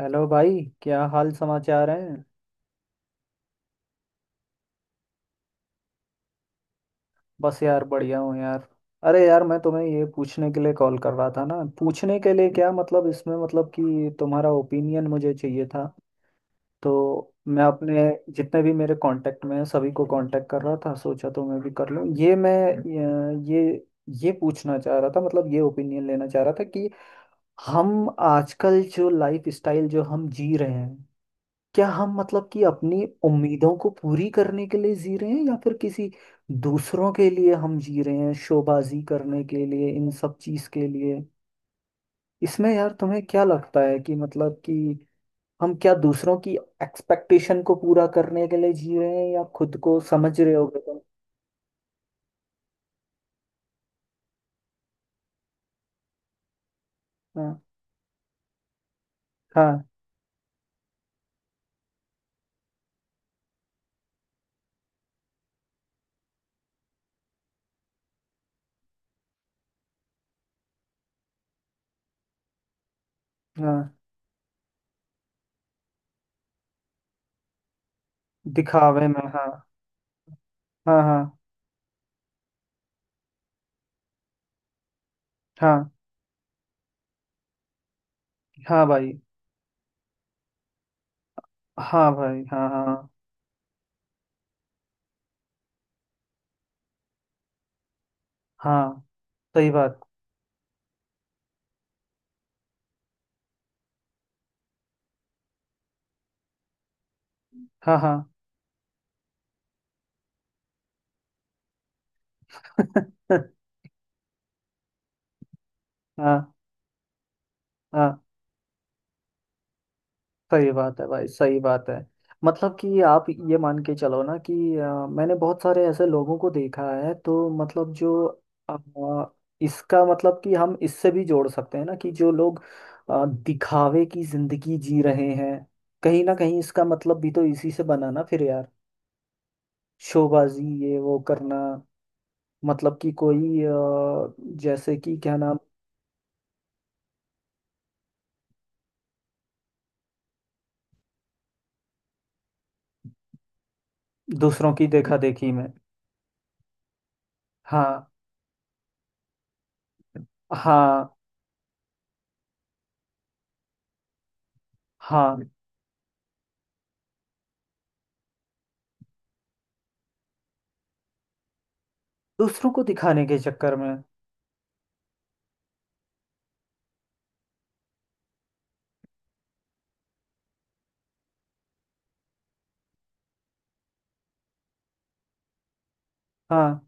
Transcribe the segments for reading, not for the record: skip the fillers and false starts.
Hello भाई। क्या हाल समाचार हैं? बस यार बढ़िया हूँ यार। अरे यार मैं तुम्हें ये पूछने के लिए कॉल कर रहा था ना, पूछने के लिए क्या मतलब इसमें, मतलब कि तुम्हारा ओपिनियन मुझे चाहिए था। तो मैं अपने जितने भी मेरे कांटेक्ट में हैं सभी को कांटेक्ट कर रहा था। सोचा तो मैं भी कर लूँ। ये मैं अ, ये पूछना चाह रहा था, मतलब ये ओपिनियन लेना चाह रहा था कि हम आजकल जो लाइफ स्टाइल जो हम जी रहे हैं, क्या हम मतलब कि अपनी उम्मीदों को पूरी करने के लिए जी रहे हैं या फिर किसी दूसरों के लिए हम जी रहे हैं, शोबाजी करने के लिए, इन सब चीज के लिए। इसमें यार तुम्हें क्या लगता है कि मतलब कि हम क्या दूसरों की एक्सपेक्टेशन को पूरा करने के लिए जी रहे हैं या खुद को, समझ रहे होगे तुम? हाँ, हाँ, हाँ। दिखावे में हाँ। हाँ, हाँ, हाँ, हाँ। भाई हाँ भाई। हाँ, हाँ, हाँ। सही बात। हाँ, हाँ। हाँ, हाँ। सही बात है भाई, सही बात है। मतलब कि आप ये मान के चलो ना कि मैंने बहुत सारे ऐसे लोगों को देखा है, तो मतलब जो अ, इसका मतलब कि हम इससे भी जोड़ सकते हैं ना, कि जो लोग दिखावे की जिंदगी जी रहे हैं, कहीं ना कहीं इसका मतलब भी तो इसी से बना ना फिर यार। शोबाजी, ये वो करना, मतलब कि कोई जैसे कि क्या नाम। दूसरों की देखा देखी में। हाँ, हाँ, हाँ। दूसरों को दिखाने के चक्कर में। हाँ,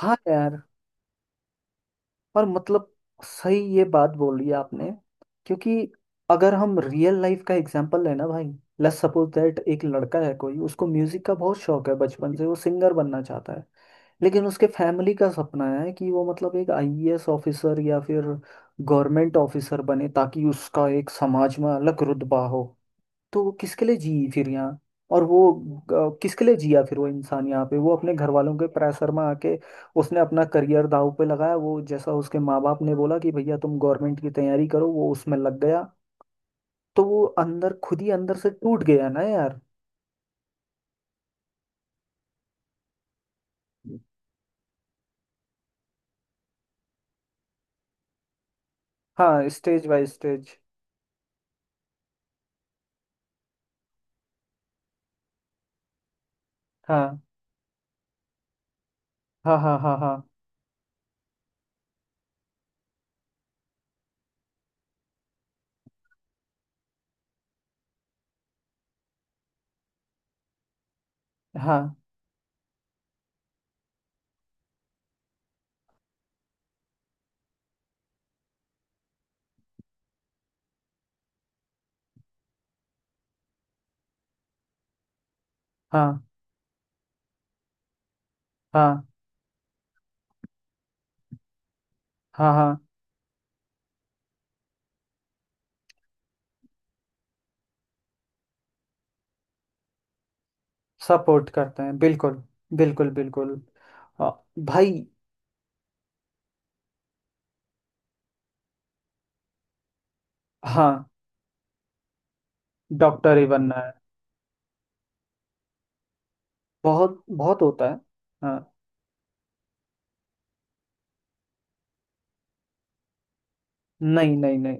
हाँ यार। और मतलब, सही ये बात बोली आपने। क्योंकि अगर हम रियल लाइफ का एग्जांपल लें ना भाई, लेट्स सपोज दैट एक लड़का है कोई, उसको म्यूजिक का बहुत शौक है, बचपन से वो सिंगर बनना चाहता है, लेकिन उसके फैमिली का सपना है कि वो मतलब एक आईएएस ऑफिसर या फिर गवर्नमेंट ऑफिसर बने, ताकि उसका एक समाज में अलग रुतबा हो। तो वो किसके लिए जी फिर यहाँ? और वो किसके लिए जिया फिर वो इंसान? यहाँ पे वो अपने घर वालों के प्रेशर में आके उसने अपना करियर दांव पे लगाया, वो जैसा उसके माँ बाप ने बोला कि भैया तुम गवर्नमेंट की तैयारी करो, वो उसमें लग गया। तो वो अंदर खुद ही अंदर से टूट गया ना यार। हाँ, स्टेज बाय स्टेज। हाँ, हाँ, हाँ, हाँ, हाँ, हाँ, हाँ, हाँ, हाँ, हाँ। सपोर्ट करते हैं बिल्कुल। बिल्कुल, बिल्कुल। अ, भाई। हाँ, डॉक्टर ही बनना है। बहुत बहुत होता है। हाँ। नहीं, नहीं, नहीं।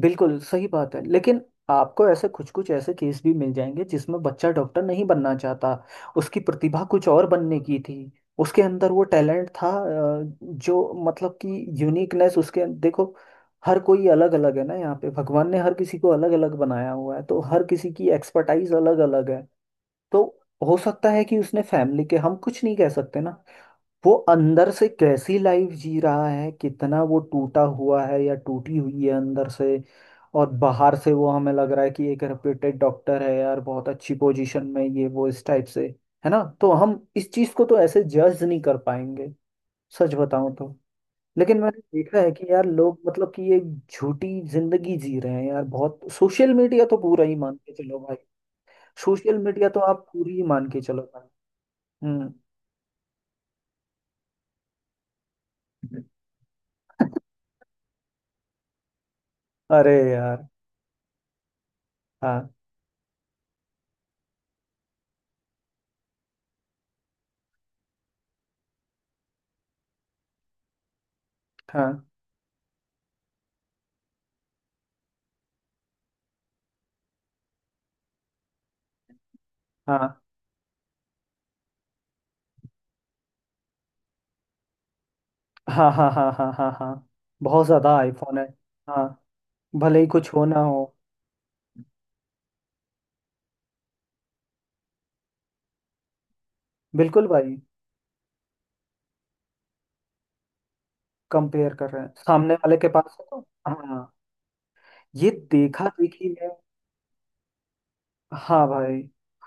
बिल्कुल सही बात है, लेकिन आपको ऐसे कुछ कुछ ऐसे केस भी मिल जाएंगे जिसमें बच्चा डॉक्टर नहीं बनना चाहता। उसकी प्रतिभा कुछ और बनने की थी, उसके अंदर वो टैलेंट था। जो मतलब कि यूनिकनेस उसके देखो, हर कोई अलग अलग है ना, यहाँ पे भगवान ने हर किसी को अलग अलग बनाया हुआ है, तो हर किसी की एक्सपर्टाइज अलग अलग है। तो हो सकता है कि उसने फैमिली के, हम कुछ नहीं कह सकते ना वो अंदर से कैसी लाइफ जी रहा है, कितना वो टूटा हुआ है या टूटी हुई है अंदर से, और बाहर से वो हमें लग रहा है कि एक रेप्यूटेड डॉक्टर है यार, बहुत अच्छी पोजीशन में, ये वो इस टाइप से, है ना? तो हम इस चीज को तो ऐसे जज नहीं कर पाएंगे, सच बताऊं तो। लेकिन मैंने देखा है कि यार लोग मतलब कि ये झूठी जिंदगी जी रहे हैं यार बहुत। सोशल मीडिया तो पूरा ही मान के चलो भाई। सोशल मीडिया तो आप पूरी ही मान के चलो भाई। हम्म। अरे यार। हाँ, हाँ, हाँ, हाँ, हाँ, हाँ, हाँ, हाँ, हाँ। बहुत ज्यादा आईफोन है। हाँ, भले ही कुछ हो ना हो। बिल्कुल भाई। कंपेयर कर रहे हैं सामने वाले के पास है तो। हाँ, ये देखा देखी है। हाँ भाई।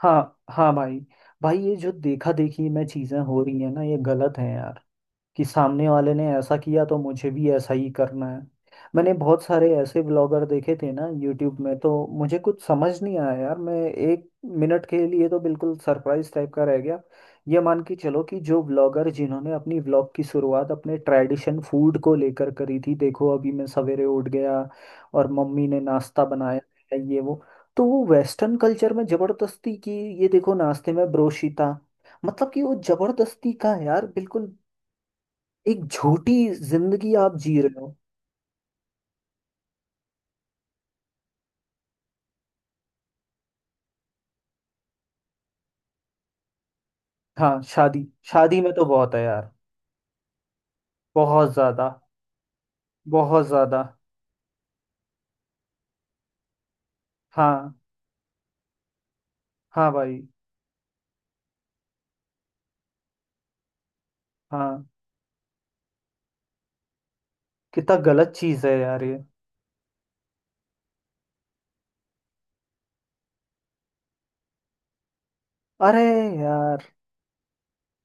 हाँ, हाँ भाई। भाई ये जो देखा देखी में चीजें हो रही है ना, ये गलत है यार। कि सामने वाले ने ऐसा किया तो मुझे भी ऐसा ही करना है। मैंने बहुत सारे ऐसे ब्लॉगर देखे थे ना यूट्यूब में, तो मुझे कुछ समझ नहीं आया यार। मैं एक मिनट के लिए तो बिल्कुल सरप्राइज टाइप का रह गया। ये मान के चलो कि जो ब्लॉगर जिन्होंने अपनी ब्लॉग की शुरुआत अपने ट्रेडिशन फूड को लेकर करी थी, देखो अभी मैं सवेरे उठ गया और मम्मी ने नाश्ता बनाया है, ये वो। तो वो वेस्टर्न कल्चर में जबरदस्ती की, ये देखो नाश्ते में ब्रोशीता। मतलब कि वो जबरदस्ती का है यार बिल्कुल। एक झूठी जिंदगी आप जी रहे हो। हाँ शादी। शादी में तो बहुत है यार। बहुत ज्यादा, बहुत ज्यादा। हाँ, हाँ भाई। हाँ, कितना गलत चीज है यार ये। अरे यार।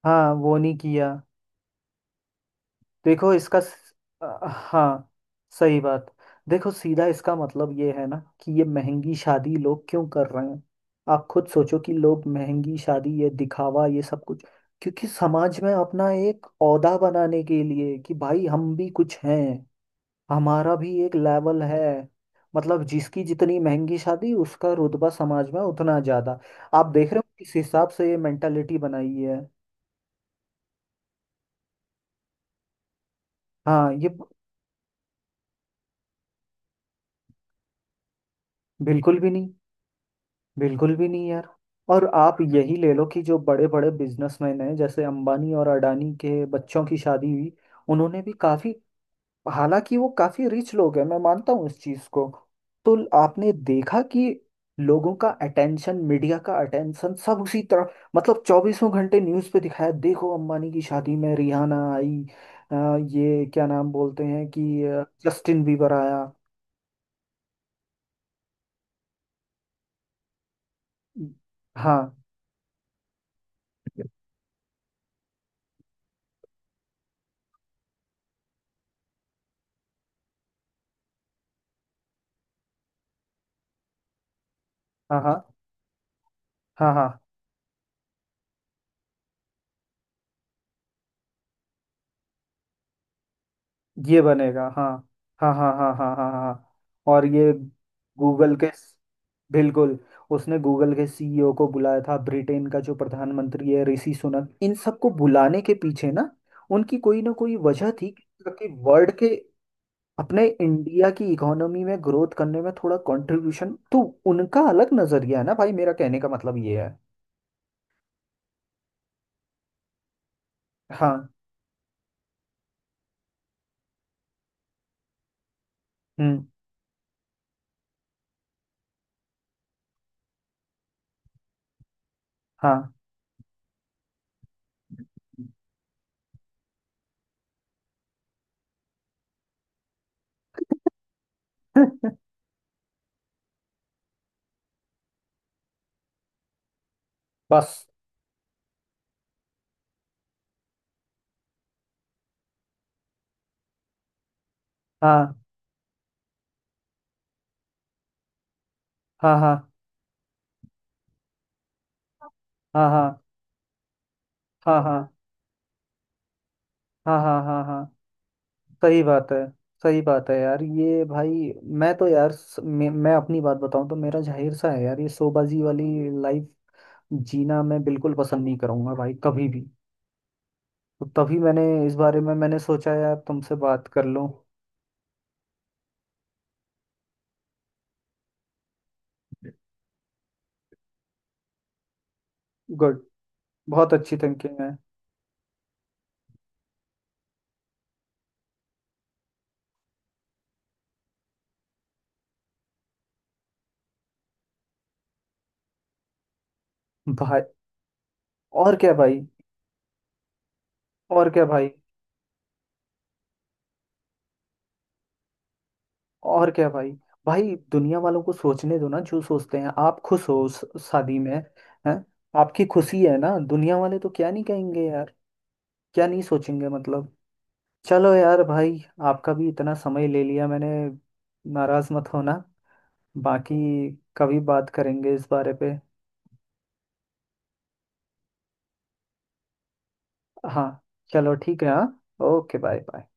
हाँ वो नहीं किया। देखो इसका स- हाँ सही बात। देखो सीधा इसका मतलब ये है ना कि ये महंगी शादी लोग क्यों कर रहे हैं? आप खुद सोचो कि लोग महंगी शादी ये दिखावा ये सब कुछ, क्योंकि समाज में अपना एक ओहदा बनाने के लिए कि भाई हम भी कुछ हैं, हमारा भी एक लेवल है। मतलब जिसकी जितनी महंगी शादी उसका रुतबा समाज में उतना ज्यादा। आप देख रहे हो किस हिसाब से ये मेंटालिटी बनाई है? हाँ, ये बिल्कुल भी नहीं। बिल्कुल भी नहीं यार। और आप यही ले लो कि जो बड़े बड़े बिजनेसमैन हैं जैसे अंबानी और अडानी के बच्चों की शादी हुई, उन्होंने भी काफी, हालांकि वो काफी रिच लोग हैं मैं मानता हूँ इस चीज को, तो आपने देखा कि लोगों का अटेंशन, मीडिया का अटेंशन सब उसी तरफ, मतलब चौबीसों घंटे न्यूज पे दिखाया, देखो अंबानी की शादी में रिहाना आई, ये क्या नाम बोलते हैं कि जस्टिन बीबर आया। हाँ, हाँ, हाँ, हाँ, हाँ। ये बनेगा हाँ। हाँ, हाँ, हाँ, हाँ, हाँ, हाँ, हाँ, और ये गूगल के, बिल्कुल, उसने गूगल के सीईओ को बुलाया था, ब्रिटेन का जो प्रधानमंत्री है ऋषि सुनक, इन सबको बुलाने के पीछे ना उनकी कोई ना कोई वजह थी, क्योंकि वर्ल्ड के, अपने इंडिया की इकोनॉमी में ग्रोथ करने में थोड़ा कंट्रीब्यूशन तो, उनका अलग नजरिया है ना भाई। मेरा कहने का मतलब ये है। हाँ। हम्म। हाँ। बस हाँ, हाँ, हाँ, हाँ, हाँ, हाँ, हाँ, हाँ, हाँ, हाँ, हाँ, हाँ। सही बात है। सही बात है यार ये भाई। मैं तो यार मैं अपनी बात बताऊं तो मेरा जाहिर सा है यार, ये शोबाजी वाली लाइफ जीना मैं बिल्कुल पसंद नहीं करूंगा भाई, कभी भी। तो तभी मैंने इस बारे में मैंने सोचा यार तुमसे बात कर लूं। गुड। बहुत अच्छी थिंकिंग है। भाई और क्या भाई। और क्या भाई। और क्या भाई। भाई दुनिया वालों को सोचने दो ना, जो सोचते हैं। आप खुश हो उस शादी में? हैं? आपकी खुशी है ना, दुनिया वाले तो क्या नहीं कहेंगे यार, क्या नहीं सोचेंगे, मतलब। चलो यार भाई, आपका भी इतना समय ले लिया मैंने, नाराज मत होना। बाकी कभी बात करेंगे इस बारे पे। हाँ। चलो ठीक है। हाँ, ओके, बाय बाय।